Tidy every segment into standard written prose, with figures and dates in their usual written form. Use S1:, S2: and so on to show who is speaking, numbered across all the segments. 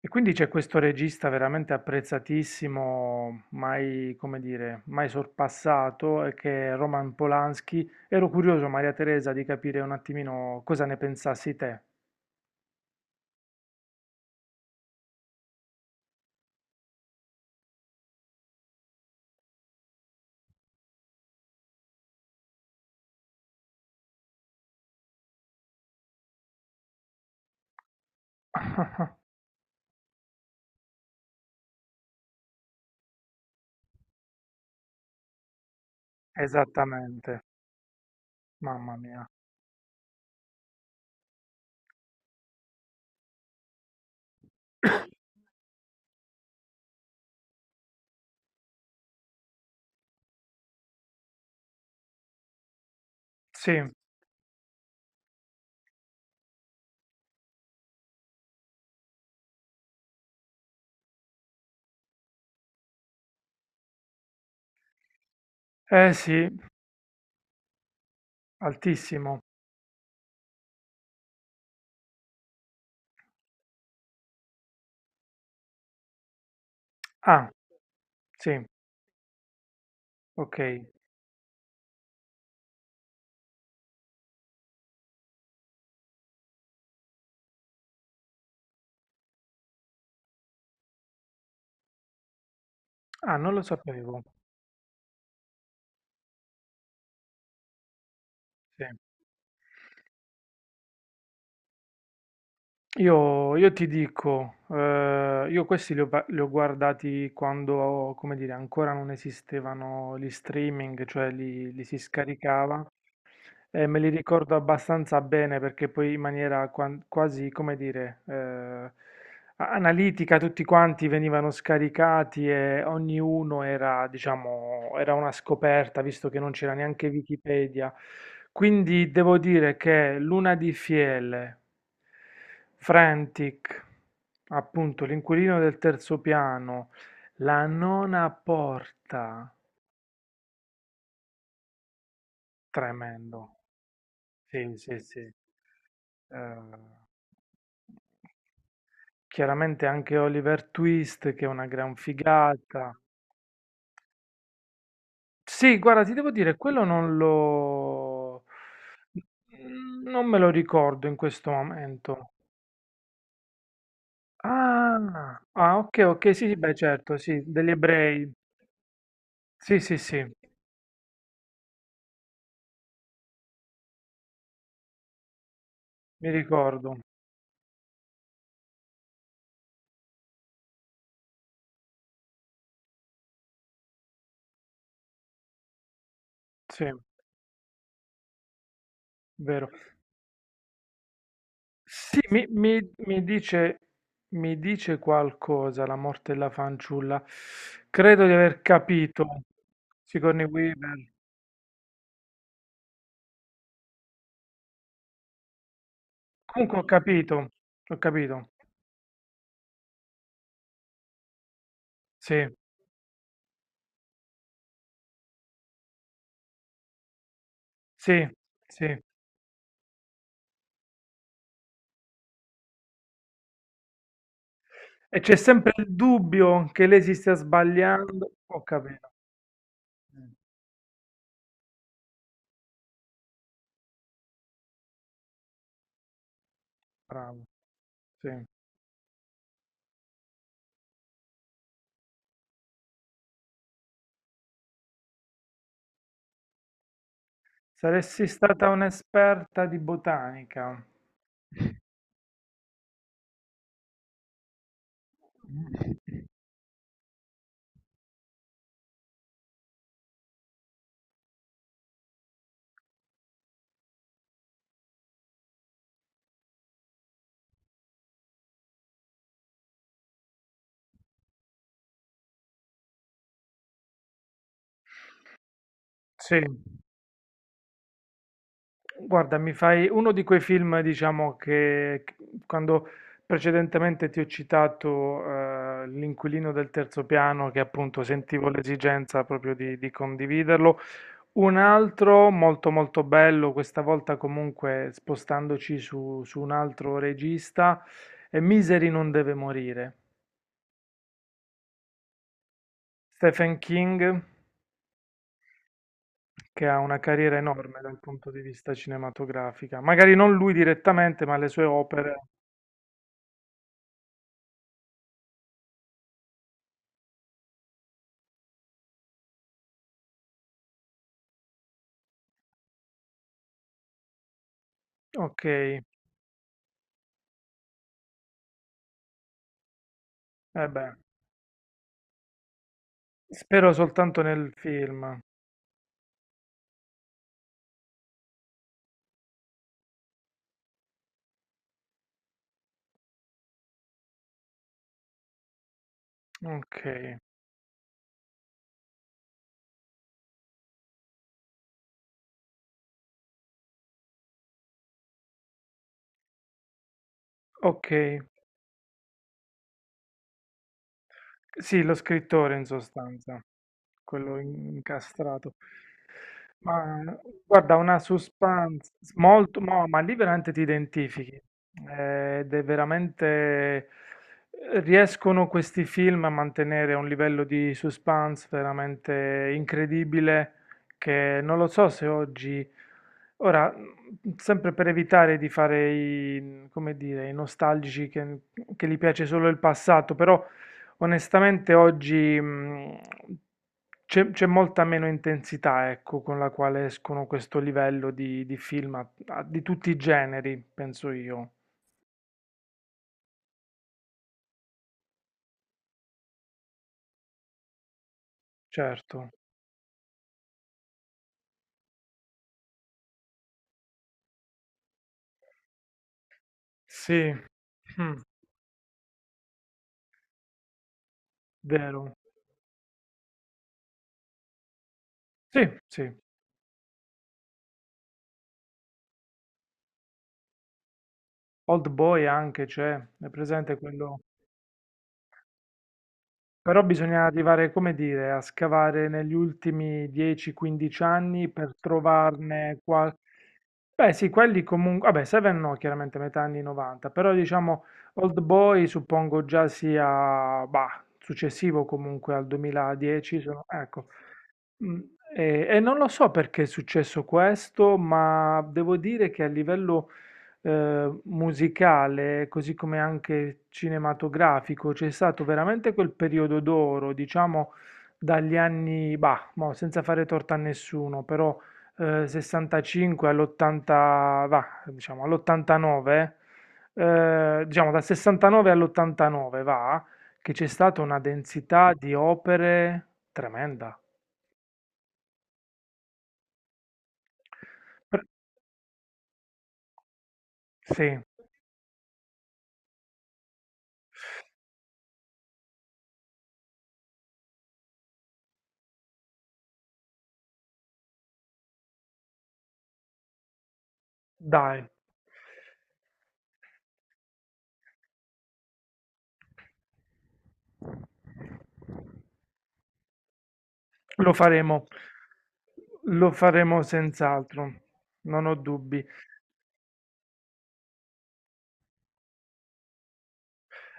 S1: E quindi c'è questo regista veramente apprezzatissimo, mai, come dire, mai sorpassato, che è Roman Polanski. Ero curioso, Maria Teresa, di capire un attimino cosa ne pensassi te. Esattamente, mamma mia. Sì, eh sì, altissimo. Ah, sì, ok. Ah, non lo sapevo. Sì. Io ti dico, io questi li ho guardati quando, come dire, ancora non esistevano gli streaming, cioè li si scaricava e me li ricordo abbastanza bene perché poi in maniera quasi, come dire, analitica, tutti quanti venivano scaricati e ognuno era, diciamo, era una scoperta, visto che non c'era neanche Wikipedia. Quindi devo dire che Luna di Fiele, Frantic, appunto, l'inquilino del terzo piano, la nona porta, tremendo. Sì, sì, sì. Eh, Chiaramente anche Oliver Twist, che è una gran figata. Sì, guarda, ti devo dire, quello non lo. Non me lo ricordo in questo momento. Ah, ah, ok, ok, sì, sì, beh, certo, sì, degli ebrei. Sì, sì, sì, mi ricordo, sì, vero. Sì, mi dice qualcosa la morte della fanciulla. Credo di aver capito, Sigourney Weaver. Comunque ho capito, ho capito. Sì, sì, sì. E c'è sempre il dubbio che lei si stia sbagliando. Ho capito. Mm, Bravo. Sì. Saresti stata un'esperta di botanica. Sì. Guarda, mi fai uno di quei film, diciamo, che quando precedentemente ti ho citato L'inquilino del terzo piano, che appunto sentivo l'esigenza proprio di condividerlo. Un altro molto molto bello, questa volta comunque spostandoci su un altro regista, è Miseri non deve morire. Stephen King, che ha una carriera enorme dal punto di vista cinematografica. Magari non lui direttamente, ma le sue opere. Ok, eh beh, spero soltanto nel film. Ok, ok. Sì, lo scrittore in sostanza, quello incastrato. Ma guarda, una suspense molto, no, ma lì veramente ti identifichi. Ed è veramente, riescono questi film a mantenere un livello di suspense veramente incredibile che non lo so se oggi. Ora, sempre per evitare di fare i, come dire, i nostalgici che gli piace solo il passato, però onestamente oggi c'è molta meno intensità, ecco, con la quale escono questo livello di film di tutti i generi, penso io. Certo. Sì, Mm, vero. Sì, sì. Old Boy anche c'è, è presente quello? Però bisogna arrivare, come dire, a scavare negli ultimi 10-15 anni per trovarne qual. Beh, sì, quelli comunque. Vabbè, Seven no, chiaramente metà anni 90, però diciamo Old Boy suppongo già sia, bah, successivo comunque al 2010, ecco. Mh, e non lo so perché è successo questo, ma devo dire che a livello, musicale, così come anche cinematografico, c'è stato veramente quel periodo d'oro, diciamo dagli anni, bah, mo senza fare torto a nessuno, però, 65 all'80 va, diciamo all'89, diciamo dal 69 all'89 va, che c'è stata una densità di opere tremenda. Per sì, dai. Lo faremo. Lo faremo senz'altro, non ho dubbi.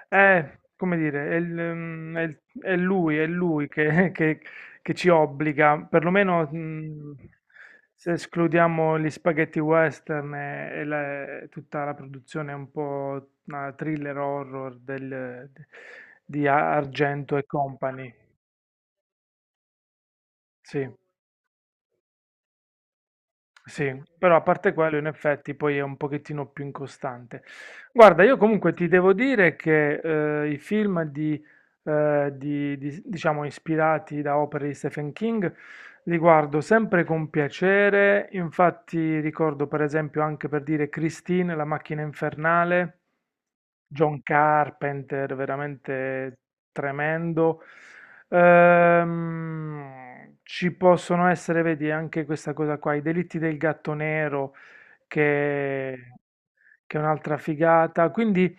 S1: È, come dire, è, il, è è lui che, che- che ci obbliga, perlomeno se escludiamo gli spaghetti western e tutta la produzione un po' thriller horror di Argento e Company. Sì. Sì, però a parte quello, in effetti, poi è un pochettino più incostante. Guarda, io comunque ti devo dire che i film diciamo, ispirati da opere di Stephen King li guardo sempre con piacere. Infatti, ricordo per esempio anche per dire Christine, La macchina infernale, John Carpenter, veramente tremendo. Ci possono essere, vedi, anche questa cosa qua, i delitti del gatto nero, che, che è un'altra figata. Quindi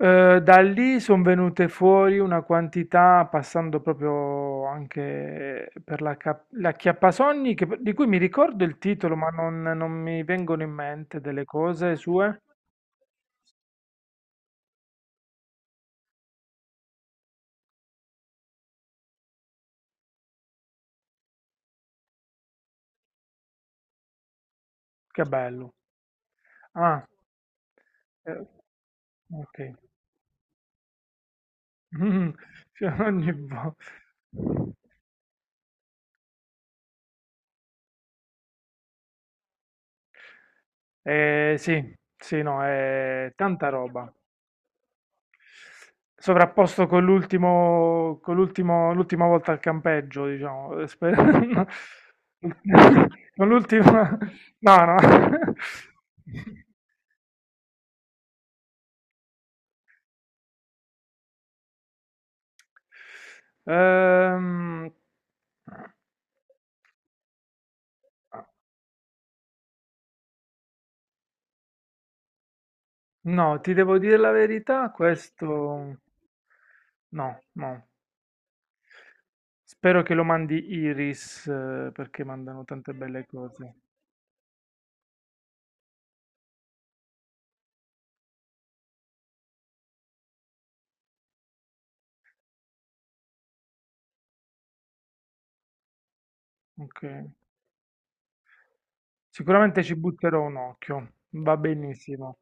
S1: da lì sono venute fuori una quantità, passando proprio anche per la Chiappasogni, di cui mi ricordo il titolo, ma non mi vengono in mente delle cose sue. Che bello. Ah, eh, ok. Mh-mh. Cioè ogni vo. Sì, sì, no, è tanta roba. Sovrapposto con l'ultimo l'ultima volta al campeggio, diciamo, e spe con l'ultima no, no. Ehm, no, ti devo dire la verità, questo no, no. Spero che lo mandi Iris, perché mandano tante belle cose. Ok. Sicuramente ci butterò un occhio. Va benissimo.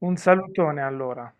S1: Un salutone allora.